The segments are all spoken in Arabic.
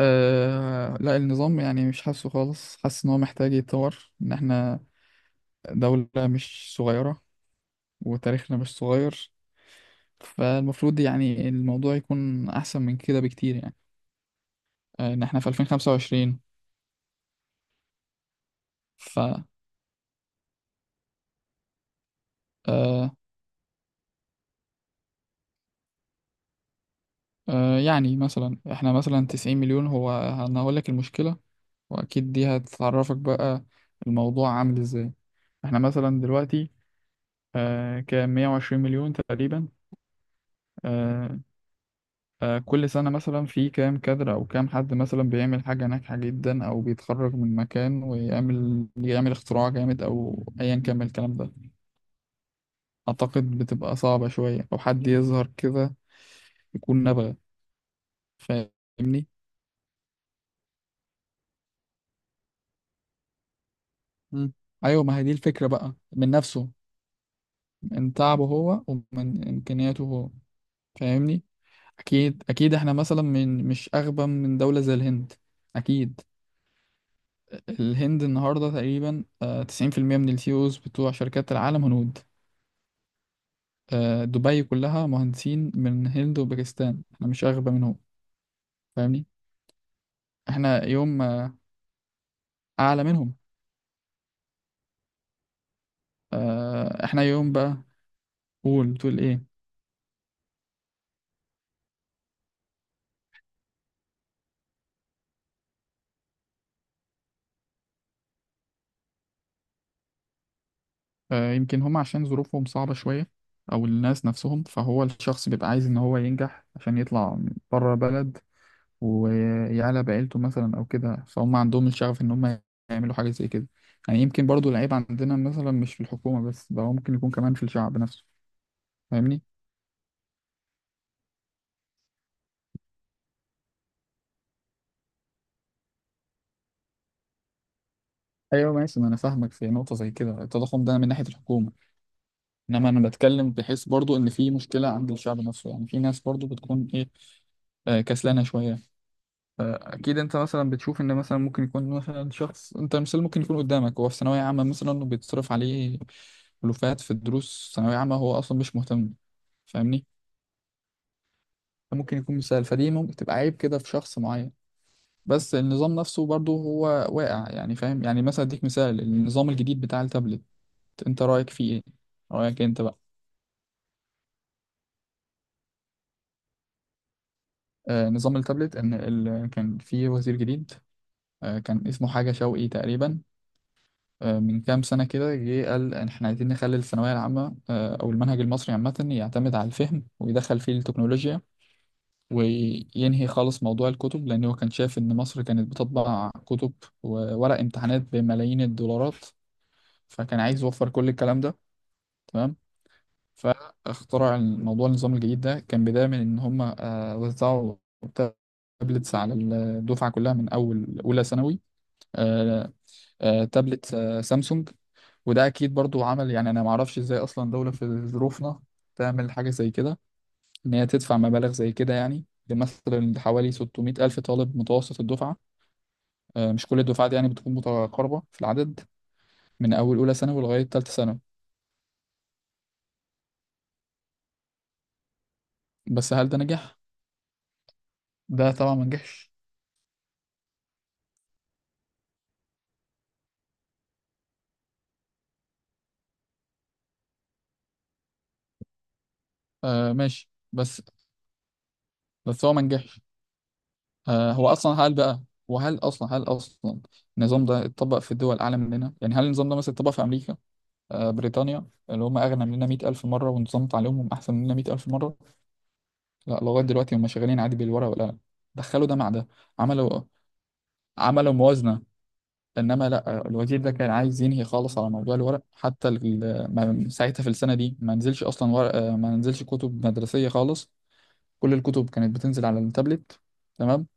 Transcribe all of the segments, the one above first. أه لا، النظام يعني مش حاسه خالص حاسس ان هو محتاج يتطور. ان احنا دولة مش صغيرة، وتاريخنا مش صغير. فالمفروض يعني الموضوع يكون احسن من كده بكتير يعني ان احنا في 2025. ف آه، آه، يعني مثلا احنا مثلا 90 مليون، انا هقول لك المشكلة، واكيد دي هتعرفك بقى الموضوع عامل ازاي. احنا مثلا دلوقتي كام؟ 120 مليون تقريبا. آه، كل سنة مثلا في كام كادر أو كام حد مثلا بيعمل حاجة ناجحة جدا أو بيتخرج من مكان ويعمل اختراع جامد أو أيا كان من الكلام ده. أعتقد بتبقى صعبة شوية أو حد يظهر كده يكون نابغة. فاهمني؟ مم. أيوة، ما هي دي الفكرة بقى، من نفسه، من تعبه هو ومن إمكانياته هو. فاهمني؟ أكيد أكيد إحنا مثلا من مش أغبى من دولة زي الهند، أكيد. الهند النهاردة تقريبا 90% من السي اوز بتوع شركات العالم هنود. دبي كلها مهندسين من الهند وباكستان، احنا مش أغبى منهم. فاهمني. احنا يوم أعلى منهم. احنا يوم بقى. قول، بتقول ايه؟ يمكن هم عشان ظروفهم صعبة شوية، أو الناس نفسهم، فهو الشخص بيبقى عايز إن هو ينجح عشان يطلع بره بلد ويعلى بعيلته مثلا او كده. فهم عندهم الشغف ان هم يعملوا حاجه زي كده. يعني يمكن برضو العيب عندنا مثلا مش في الحكومه بس، ده هو ممكن يكون كمان في الشعب نفسه. فاهمني. ايوه ماشي، ما انا فاهمك في نقطه زي كده، التضخم ده من ناحيه الحكومه، انما انا بتكلم بحيث برضو ان في مشكله عند الشعب نفسه. يعني في ناس برضو بتكون ايه، كسلانه شويه. اكيد انت مثلا بتشوف ان مثلا ممكن يكون مثلا شخص، انت مثال، ممكن يكون قدامك هو في ثانويه عامه مثلا وبيتصرف عليه ألوفات في الدروس، ثانويه عامه هو اصلا مش مهتم. فاهمني. ممكن يكون مثال، فدي ممكن تبقى عيب كده في شخص معين. بس النظام نفسه برضه هو واقع يعني. فاهم، يعني مثلا اديك مثال النظام الجديد بتاع التابلت، انت رأيك فيه ايه؟ رأيك انت بقى. نظام التابلت، ان كان في وزير جديد كان اسمه حاجة شوقي تقريبا، من كام سنة كده جه قال ان احنا عايزين نخلي الثانوية العامة او المنهج المصري عامة يعتمد على الفهم ويدخل فيه التكنولوجيا، وينهي خالص موضوع الكتب، لأن هو كان شايف إن مصر كانت بتطبع كتب وورق امتحانات بملايين الدولارات. فكان عايز يوفر كل الكلام ده. تمام. فاخترع الموضوع. النظام الجديد ده كان بداية من إن هم وزعوا تابلتس على الدفعة كلها من أول أولى ثانوي. آه، تابلت سامسونج. وده أكيد برضو عمل يعني، أنا معرفش إزاي أصلا دولة في ظروفنا تعمل حاجة زي كده، إن هي تدفع مبالغ زي كده يعني لمثلا حوالي 600 ألف طالب متوسط الدفعة. مش كل الدفعات يعني بتكون متقاربة في العدد، من أول أولى ثانوي لغاية تالتة ثانوي. بس هل ده نجح؟ ده طبعا ما نجحش. ماشي، بس هو ما نجحش. آه هو أصلا هل بقى وهل أصلا هل أصلا النظام ده اتطبق في الدول أعلى مننا؟ يعني هل النظام ده مثلا اتطبق في أمريكا؟ بريطانيا اللي هم أغنى مننا 100 ألف مرة ونظام تعليمهم أحسن مننا 100 ألف مرة؟ لا، لغاية دلوقتي هم شغالين عادي بالورقة والقلم، دخلوا ده مع ده، عملوا موازنة. إنما لا، الوزير ده كان عايز ينهي خالص على موضوع الورق، حتى ساعتها في السنة دي ما نزلش أصلا ورق، ما نزلش كتب مدرسية خالص. كل الكتب كانت بتنزل على التابلت. تمام.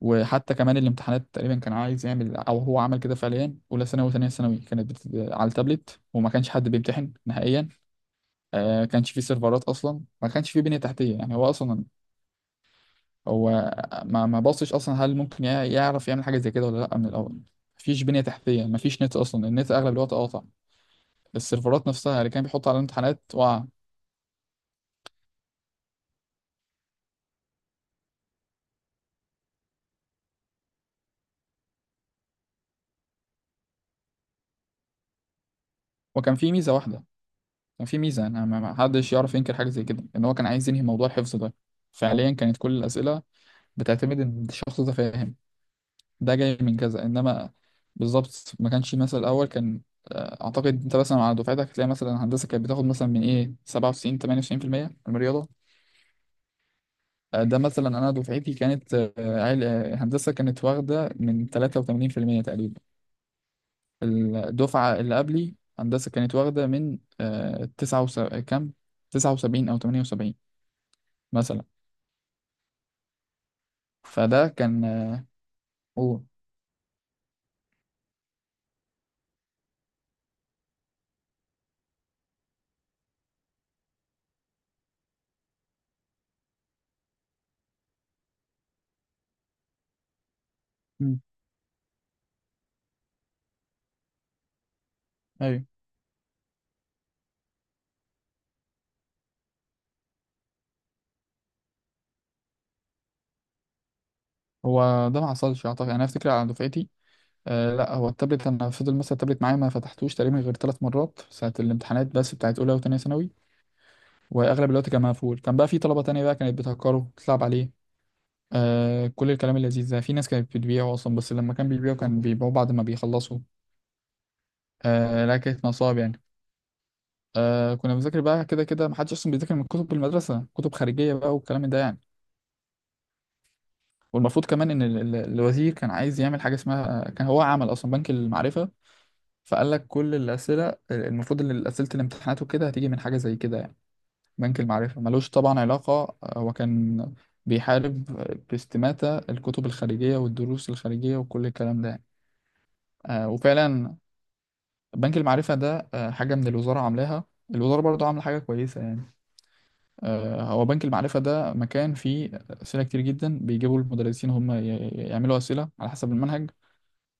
وحتى كمان الامتحانات تقريبا كان عايز يعمل، أو هو عمل كده فعليا. أولى ثانوي وثانية ثانوي كانت على التابلت، وما كانش حد بيمتحن نهائيا. كانش فيه سيرفرات أصلا، ما كانش فيه بنية تحتية يعني. هو أصلا هو ما بصش اصلا هل ممكن يعرف يعمل حاجه زي كده ولا لا من الاول. مفيش بنيه تحتيه، مفيش نت اصلا، النت اغلب الوقت قاطع. السيرفرات نفسها اللي كان بيحط على الامتحانات وقع. وكان في ميزه واحده. كان في ميزه، انا ما حدش يعرف ينكر حاجه زي كده، ان هو كان عايز ينهي موضوع الحفظ ده. فعليا كانت كل الاسئله بتعتمد ان الشخص ده فاهم، ده جاي من كذا. انما بالظبط ما كانش مثلا. الاول كان اعتقد انت مثلا على دفعتك هتلاقي مثلا هندسه كانت بتاخد مثلا من ايه 97 98% من الرياضه. ده مثلا انا دفعتي كانت هندسه كانت واخده من 83% تقريبا. الدفعه اللي قبلي هندسه كانت واخده من كام، 79 او 78 مثلا. فده كان قول. مم. ايوه، هو ده ما حصلش اعتقد، يعني انا افتكر على دفعتي. لا، هو التابلت، انا فضل مثلا التابلت معايا ما فتحتوش تقريبا غير ثلاث مرات، ساعه الامتحانات بس، بتاعت اولى وثانيه ثانوي. واغلب الوقت كان مقفول. كان بقى في طلبه تانية بقى كانت بتهكره تلعب عليه كل الكلام اللذيذ ده. في ناس كانت بتبيعه أصلا، بس لما كان بيبيعه كان بيبيعوه بعد ما بيخلصوا. لا، كانت نصاب يعني. كنا بنذاكر بقى كده كده، محدش أصلا بيذاكر من كتب المدرسة، كتب خارجية بقى والكلام ده يعني. والمفروض كمان إن الوزير كان عايز يعمل حاجة اسمها، كان هو عمل أصلا بنك المعرفة. فقال لك كل الأسئلة المفروض إن أسئلة الامتحانات وكده هتيجي من حاجة زي كده يعني. بنك المعرفة ملوش طبعا علاقة. هو كان بيحارب باستماتة الكتب الخارجية والدروس الخارجية وكل الكلام ده يعني. وفعلا بنك المعرفة ده حاجة من الوزارة عاملاها، الوزارة برضو عاملة حاجة كويسة يعني. هو بنك المعرفة ده مكان فيه أسئلة كتير جدا، بيجيبوا المدرسين هم يعملوا أسئلة على حسب المنهج.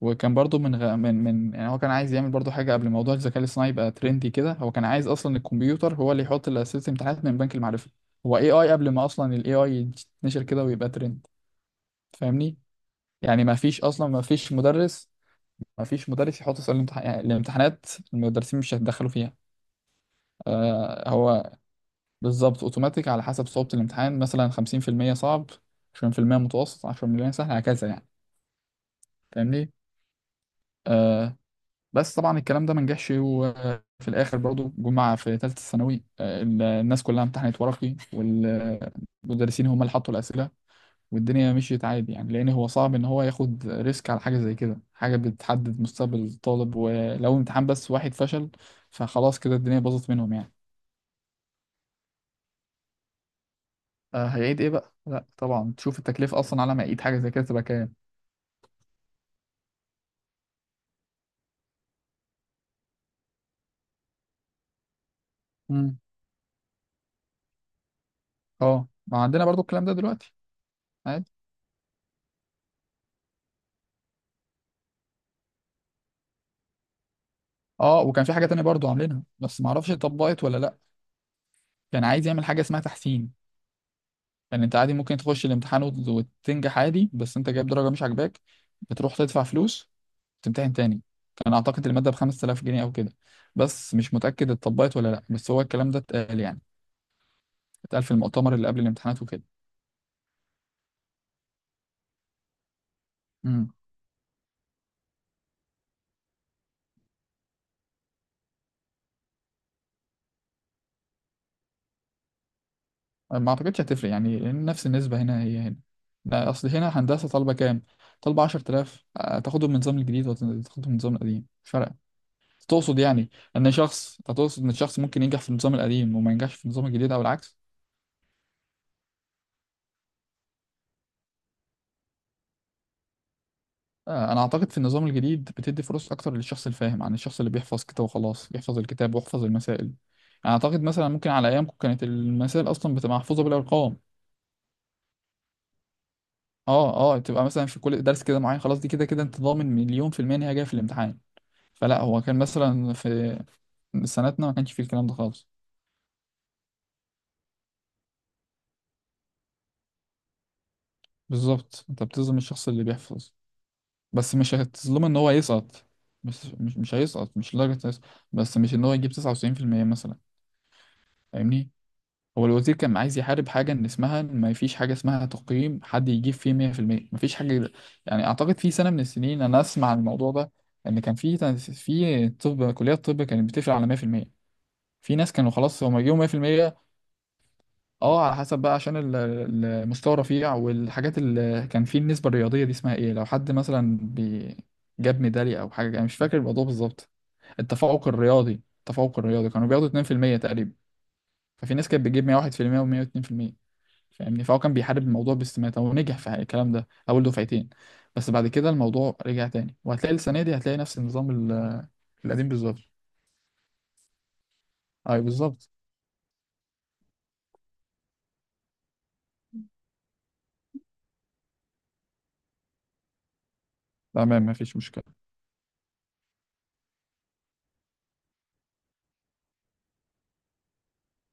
وكان برضو من غ... من من يعني، هو كان عايز يعمل برضو حاجة قبل موضوع الذكاء الاصطناعي يبقى ترندي كده. هو كان عايز أصلا الكمبيوتر هو اللي يحط أسئلة الامتحانات من بنك المعرفة، هو اي اي، قبل ما أصلا الاي اي يتنشر كده ويبقى ترند. فاهمني. يعني ما فيش مدرس يحط أسئلة يعني الامتحانات. المدرسين مش هيتدخلوا فيها. هو بالظبط اوتوماتيك، على حسب صعوبة الامتحان مثلا 50% صعب 20% متوسط 10% سهل هكذا يعني. فاهمني. آه. بس طبعا الكلام ده ما نجحش، وفي الاخر برضو جمعة في ثالثة ثانوي الناس كلها امتحنت ورقي والمدرسين هم اللي حطوا الأسئلة، والدنيا مشيت عادي يعني. لأن هو صعب إن هو ياخد ريسك على حاجة زي كده، حاجة بتحدد مستقبل الطالب، ولو امتحان بس واحد فشل فخلاص كده الدنيا باظت منهم يعني. هيعيد ايه بقى؟ لا طبعا، تشوف التكلفه اصلا على ما يعيد حاجه زي كده تبقى كام. مم. اه، ما عندنا برضو الكلام ده دلوقتي عادي. اه، وكان في حاجه تانية برضو عاملينها بس ما اعرفش اتطبقت ولا لا. كان عايز يعمل حاجه اسمها تحسين. يعني انت عادي ممكن تخش الامتحان وتنجح عادي، بس انت جايب درجه مش عاجباك بتروح تدفع فلوس، تمتحن تاني. كان اعتقد الماده ب 5000 جنيه او كده، بس مش متاكد اتطبقت ولا لا، بس هو الكلام ده اتقال يعني، اتقال في المؤتمر اللي قبل الامتحانات وكده. ما اعتقدش هتفرق يعني، لان نفس النسبه هنا هي هنا. لا، اصل هنا هندسه طالبه كام؟ طالبه 10,000. تاخدهم من النظام الجديد ولا تاخدهم من النظام القديم، مش فارقه. تقصد يعني ان شخص، تقصد ان الشخص ممكن ينجح في النظام القديم وما ينجحش في النظام الجديد او العكس؟ انا اعتقد في النظام الجديد بتدي فرص اكتر للشخص الفاهم عن الشخص اللي بيحفظ كده وخلاص، يحفظ الكتاب ويحفظ المسائل. يعني اعتقد مثلا ممكن على ايامكم كانت المسائل اصلا بتبقى محفوظه بالارقام. اه اه، تبقى مثلا في كل درس كده معين خلاص، دي كده كده انت ضامن مليون في المية ان هي جايه في الامتحان. فلا، هو كان مثلا في سنتنا ما كانش فيه الكلام ده خالص. بالظبط، انت بتظلم الشخص اللي بيحفظ، بس مش هتظلمه ان هو يسقط. بس مش هيسقط، مش لدرجة يسقط، بس مش ان هو يجيب 99% مثلا. فاهمني. هو الوزير كان عايز يحارب حاجة ان اسمها إن ما فيش حاجة اسمها تقييم حد يجيب فيه 100%، ما فيش حاجة. يعني اعتقد في سنة من السنين انا اسمع عن الموضوع ده، ان كان في طب، كليات طب كانت بتقفل على 100% في المية، في ناس كانوا خلاص هما جيبوا 100%. اه، على حسب بقى عشان المستوى رفيع. والحاجات اللي كان فيه، النسبة الرياضية دي اسمها ايه، لو حد مثلا جاب ميدالية او حاجة، انا مش فاكر الموضوع بالظبط. التفوق الرياضي كانوا بياخدوا 2% تقريبا. ففي ناس كانت بتجيب 101% و102%. فاهمني. فهو كان بيحارب الموضوع باستماتة ونجح في الكلام ده اول دفعتين، بس بعد كده الموضوع رجع تاني، وهتلاقي السنة دي هتلاقي نفس النظام القديم بالظبط. ايوه بالظبط. تمام، مفيش مشكلة.